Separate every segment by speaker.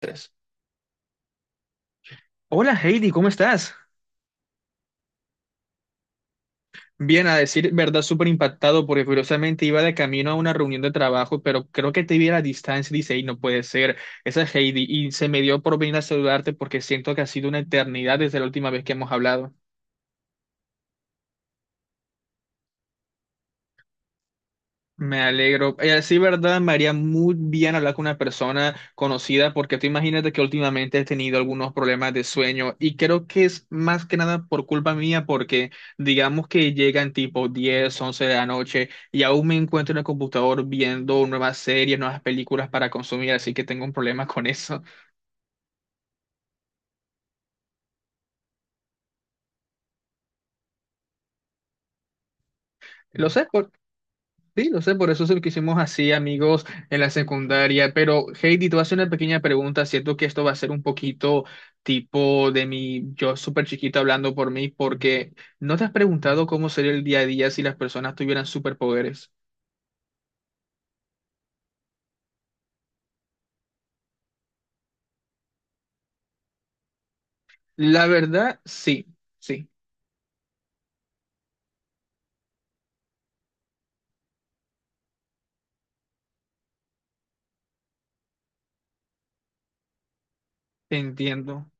Speaker 1: Tres. Hola Heidi, ¿cómo estás? Bien, a decir verdad, súper impactado porque curiosamente iba de camino a una reunión de trabajo, pero creo que te vi a la distancia y dice, "Ey, no puede ser, esa es Heidi, y se me dio por venir a saludarte porque siento que ha sido una eternidad desde la última vez que hemos hablado. Me alegro. Sí, verdad, me haría muy bien hablar con una persona conocida porque tú imagínate que últimamente he tenido algunos problemas de sueño y creo que es más que nada por culpa mía porque digamos que llegan tipo 10, 11 de la noche y aún me encuentro en el computador viendo nuevas series, nuevas películas para consumir, así que tengo un problema con eso. Lo sé. Sí, lo sé, por eso se lo hicimos así, amigos, en la secundaria. Pero, Heidi, te voy a hacer una pequeña pregunta. Siento que esto va a ser un poquito tipo de mi yo súper chiquito hablando por mí, porque ¿no te has preguntado cómo sería el día a día si las personas tuvieran superpoderes? La verdad, sí, sí, entiendo,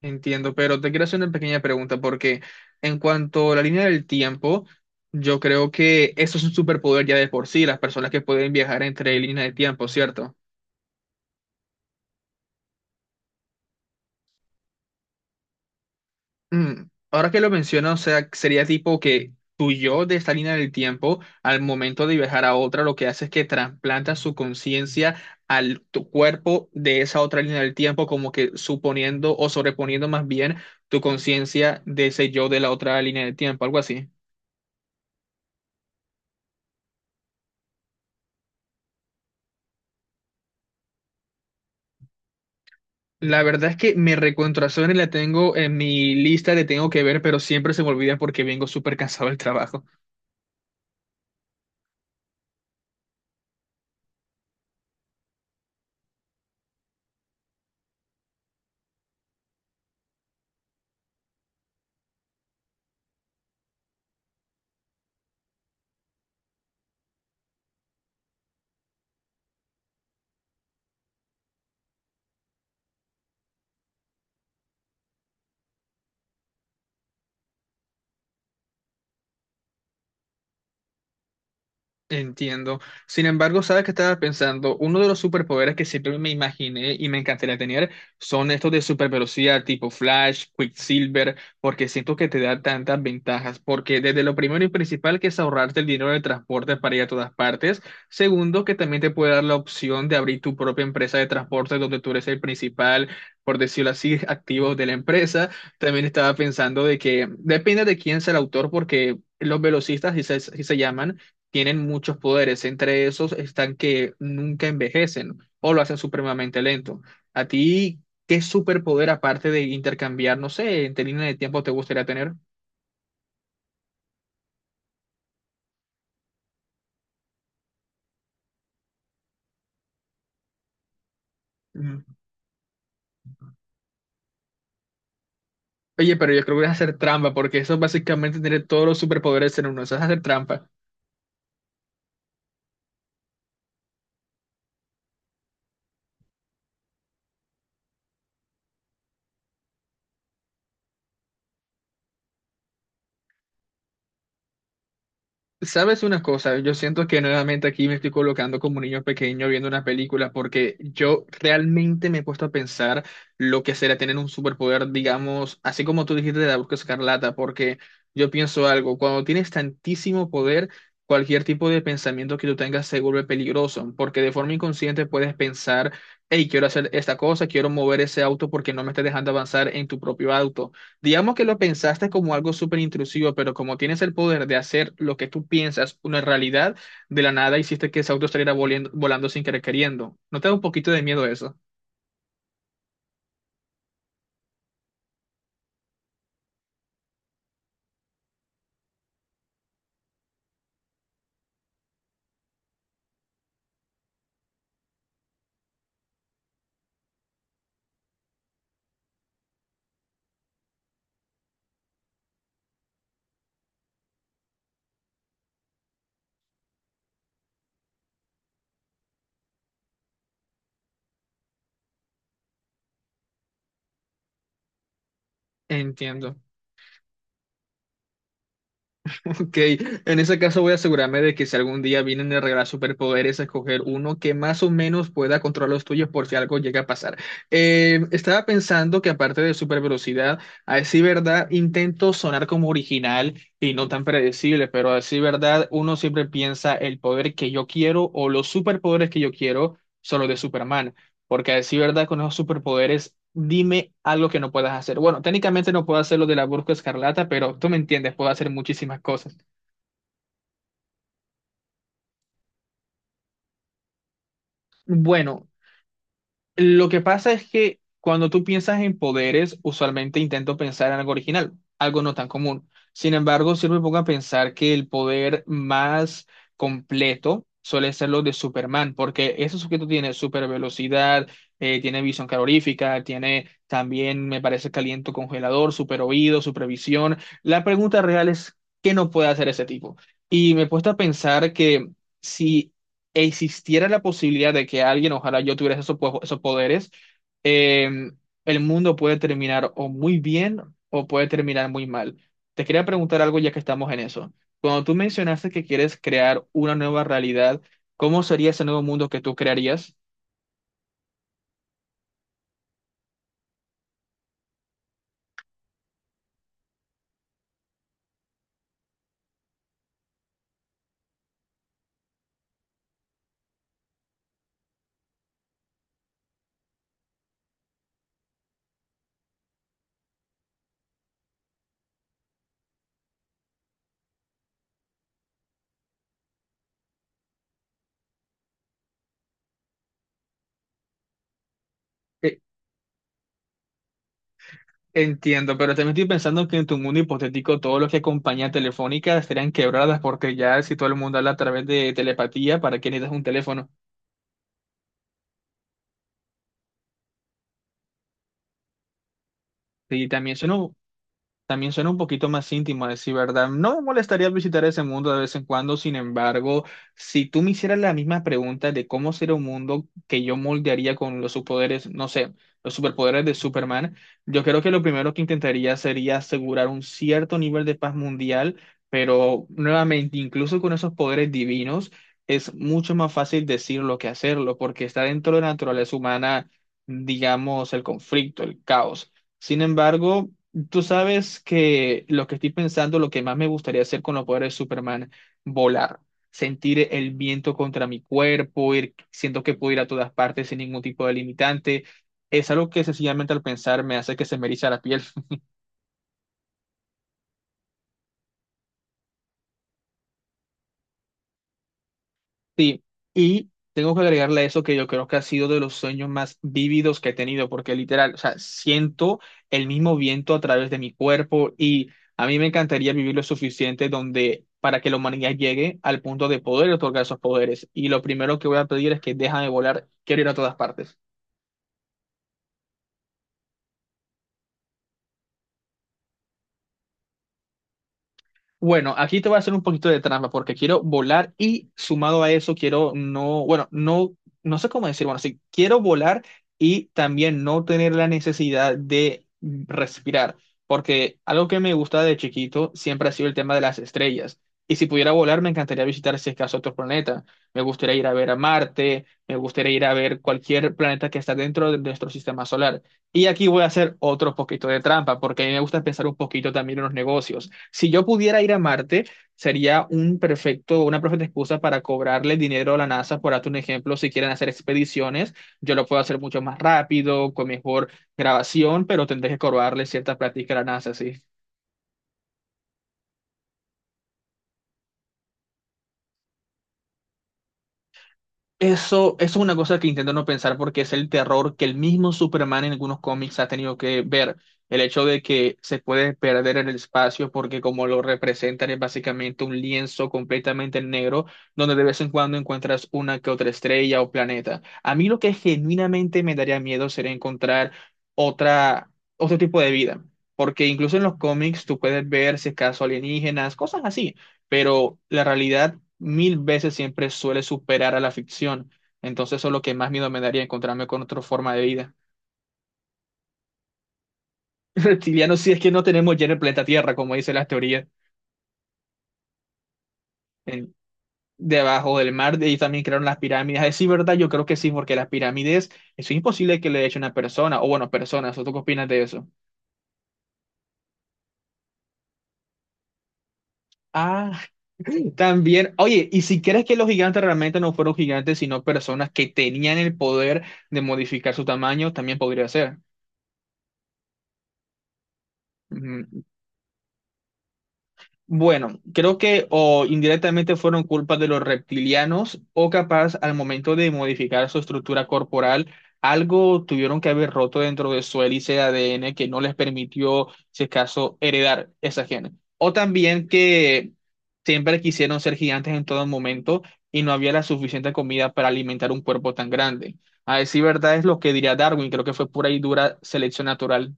Speaker 1: entiendo. Pero te quiero hacer una pequeña pregunta, porque en cuanto a la línea del tiempo, yo creo que eso es un superpoder ya de por sí, las personas que pueden viajar entre líneas de tiempo, ¿cierto? Mm. Ahora que lo menciono, o sea, sería tipo que tu yo de esta línea del tiempo, al momento de viajar a otra, lo que hace es que trasplanta su conciencia al tu cuerpo de esa otra línea del tiempo, como que suponiendo o sobreponiendo más bien tu conciencia de ese yo de la otra línea del tiempo, algo así. La verdad es que mi recontraserie la tengo en mi lista de tengo que ver, pero siempre se me olvida porque vengo súper cansado del trabajo. Entiendo. Sin embargo, ¿sabes qué estaba pensando? Uno de los superpoderes que siempre me imaginé y me encantaría tener son estos de super velocidad tipo Flash, Quicksilver, porque siento que te da tantas ventajas. Porque desde lo primero y principal que es ahorrarte el dinero de transporte para ir a todas partes. Segundo, que también te puede dar la opción de abrir tu propia empresa de transporte donde tú eres el principal, por decirlo así, activo de la empresa. También estaba pensando de que depende de quién sea el autor porque... Los velocistas, si se llaman, tienen muchos poderes. Entre esos están que nunca envejecen o lo hacen supremamente lento. ¿A ti qué superpoder, aparte de intercambiar, no sé, en línea de tiempo, te gustaría tener? Mm. Oye, pero yo creo que es hacer trampa, porque eso es básicamente tener todos los superpoderes en uno. Eso es hacer trampa. Sabes una cosa, yo siento que nuevamente aquí me estoy colocando como un niño pequeño viendo una película porque yo realmente me he puesto a pensar lo que será tener un superpoder, digamos, así como tú dijiste de la Bruja Escarlata, porque yo pienso algo, cuando tienes tantísimo poder, cualquier tipo de pensamiento que tú tengas se vuelve peligroso, porque de forma inconsciente puedes pensar, hey, quiero hacer esta cosa, quiero mover ese auto porque no me está dejando avanzar en tu propio auto. Digamos que lo pensaste como algo súper intrusivo, pero como tienes el poder de hacer lo que tú piensas una realidad, de la nada hiciste que ese auto saliera volando, volando sin querer queriendo. ¿No te da un poquito de miedo eso? Entiendo. Ok, en ese caso voy a asegurarme de que si algún día vienen a regalar superpoderes, a escoger uno que más o menos pueda controlar los tuyos por si algo llega a pasar. Estaba pensando que aparte de super velocidad, a decir verdad, intento sonar como original y no tan predecible, pero a decir verdad, uno siempre piensa el poder que yo quiero o los superpoderes que yo quiero son los de Superman, porque a decir verdad, con esos superpoderes... Dime algo que no puedas hacer. Bueno, técnicamente no puedo hacer lo de la Burka Escarlata, pero tú me entiendes, puedo hacer muchísimas cosas. Bueno, lo que pasa es que cuando tú piensas en poderes, usualmente intento pensar en algo original, algo no tan común. Sin embargo, si me pongo a pensar que el poder más completo suele ser lo de Superman, porque ese sujeto tiene super velocidad, tiene visión calorífica, tiene también, me parece, caliente congelador, super oído, supervisión. La pregunta real es, ¿qué no puede hacer ese tipo? Y me he puesto a pensar que... Si existiera la posibilidad de que alguien, ojalá yo tuviera esos poderes, eh, el mundo puede terminar o muy bien o puede terminar muy mal. Te quería preguntar algo ya que estamos en eso. Cuando tú mencionaste que quieres crear una nueva realidad, ¿cómo sería ese nuevo mundo que tú crearías? Eh, Entiendo, pero también estoy pensando que en tu mundo hipotético todo lo que acompaña telefónica estarían quebradas porque ya si todo el mundo habla a través de telepatía, ¿para qué necesitas un teléfono? Y también suena También suena un poquito más íntimo, a decir verdad. No me molestaría visitar ese mundo de vez en cuando, sin embargo, si tú me hicieras la misma pregunta de cómo sería un mundo que yo moldearía con los superpoderes, no sé, los superpoderes de Superman, yo creo que lo primero que intentaría sería asegurar un cierto nivel de paz mundial, pero nuevamente, incluso con esos poderes divinos, es mucho más fácil decirlo que hacerlo, porque está dentro de la naturaleza humana, digamos, el conflicto, el caos. Sin embargo, tú sabes que lo que estoy pensando, lo que más me gustaría hacer con los poderes de Superman, volar, sentir el viento contra mi cuerpo, ir, siento que puedo ir a todas partes sin ningún tipo de limitante, es algo que sencillamente al pensar me hace que se me eriza la piel. Sí, y tengo que agregarle a eso que yo creo que ha sido de los sueños más vívidos que he tenido, porque literal, o sea, siento el mismo viento a través de mi cuerpo y a mí me encantaría vivir lo suficiente donde para que la humanidad llegue al punto de poder otorgar esos poderes. Y lo primero que voy a pedir es que déjame volar, quiero ir a todas partes. Bueno, aquí te voy a hacer un poquito de trampa porque quiero volar y sumado a eso quiero no, bueno, no, no sé cómo decir, bueno, sí, quiero volar y también no tener la necesidad de respirar, porque algo que me gusta de chiquito siempre ha sido el tema de las estrellas. Y si pudiera volar, me encantaría visitar, si es caso, otro planeta. Me gustaría ir a ver a Marte, me gustaría ir a ver cualquier planeta que está dentro de nuestro sistema solar. Y aquí voy a hacer otro poquito de trampa, porque a mí me gusta pensar un poquito también en los negocios. Si yo pudiera ir a Marte, sería una perfecta excusa para cobrarle dinero a la NASA, por darte un ejemplo, si quieren hacer expediciones, yo lo puedo hacer mucho más rápido, con mejor grabación, pero tendré que cobrarle cierta práctica a la NASA, sí. Eso es una cosa que intento no pensar porque es el terror que el mismo Superman en algunos cómics ha tenido que ver. El hecho de que se puede perder en el espacio porque como lo representan es básicamente un lienzo completamente negro donde de vez en cuando encuentras una que otra estrella o planeta. A mí lo que genuinamente me daría miedo sería encontrar otra, otro tipo de vida. Porque incluso en los cómics tú puedes ver si acaso alienígenas, cosas así pero la realidad mil veces siempre suele superar a la ficción. Entonces eso es lo que más miedo me daría, encontrarme con otra forma de vida. Reptilianos, si es que no tenemos ya en el planeta Tierra, como dicen las teorías, en- debajo del mar, de ahí también crearon las pirámides. Es sí, ¿verdad? Yo creo que sí, porque las pirámides, eso es imposible que le eche una persona, o bueno, personas, ¿o tú qué opinas de eso? Ah, también, oye, ¿y si crees que los gigantes realmente no fueron gigantes, sino personas que tenían el poder de modificar su tamaño, también podría ser? Ujú. Bueno, creo que o indirectamente fueron culpa de los reptilianos o capaz al momento de modificar su estructura corporal, algo tuvieron que haber roto dentro de su hélice de ADN que no les permitió, si es caso, heredar esa genes. O también que siempre quisieron ser gigantes en todo momento y no había la suficiente comida para alimentar un cuerpo tan grande. A decir verdad es lo que diría Darwin, creo que fue pura y dura selección natural.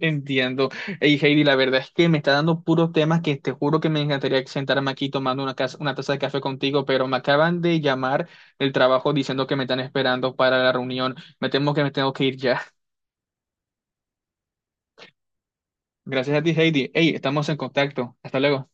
Speaker 1: Entiendo. Hey, Heidi, la verdad es que me está dando puros temas que te juro que me encantaría sentarme aquí tomando una, una taza de café contigo, pero me acaban de llamar del trabajo diciendo que me están esperando para la reunión. Me temo que me tengo que ir ya. Gracias a ti, Heidi. Hey, estamos en contacto. Hasta luego.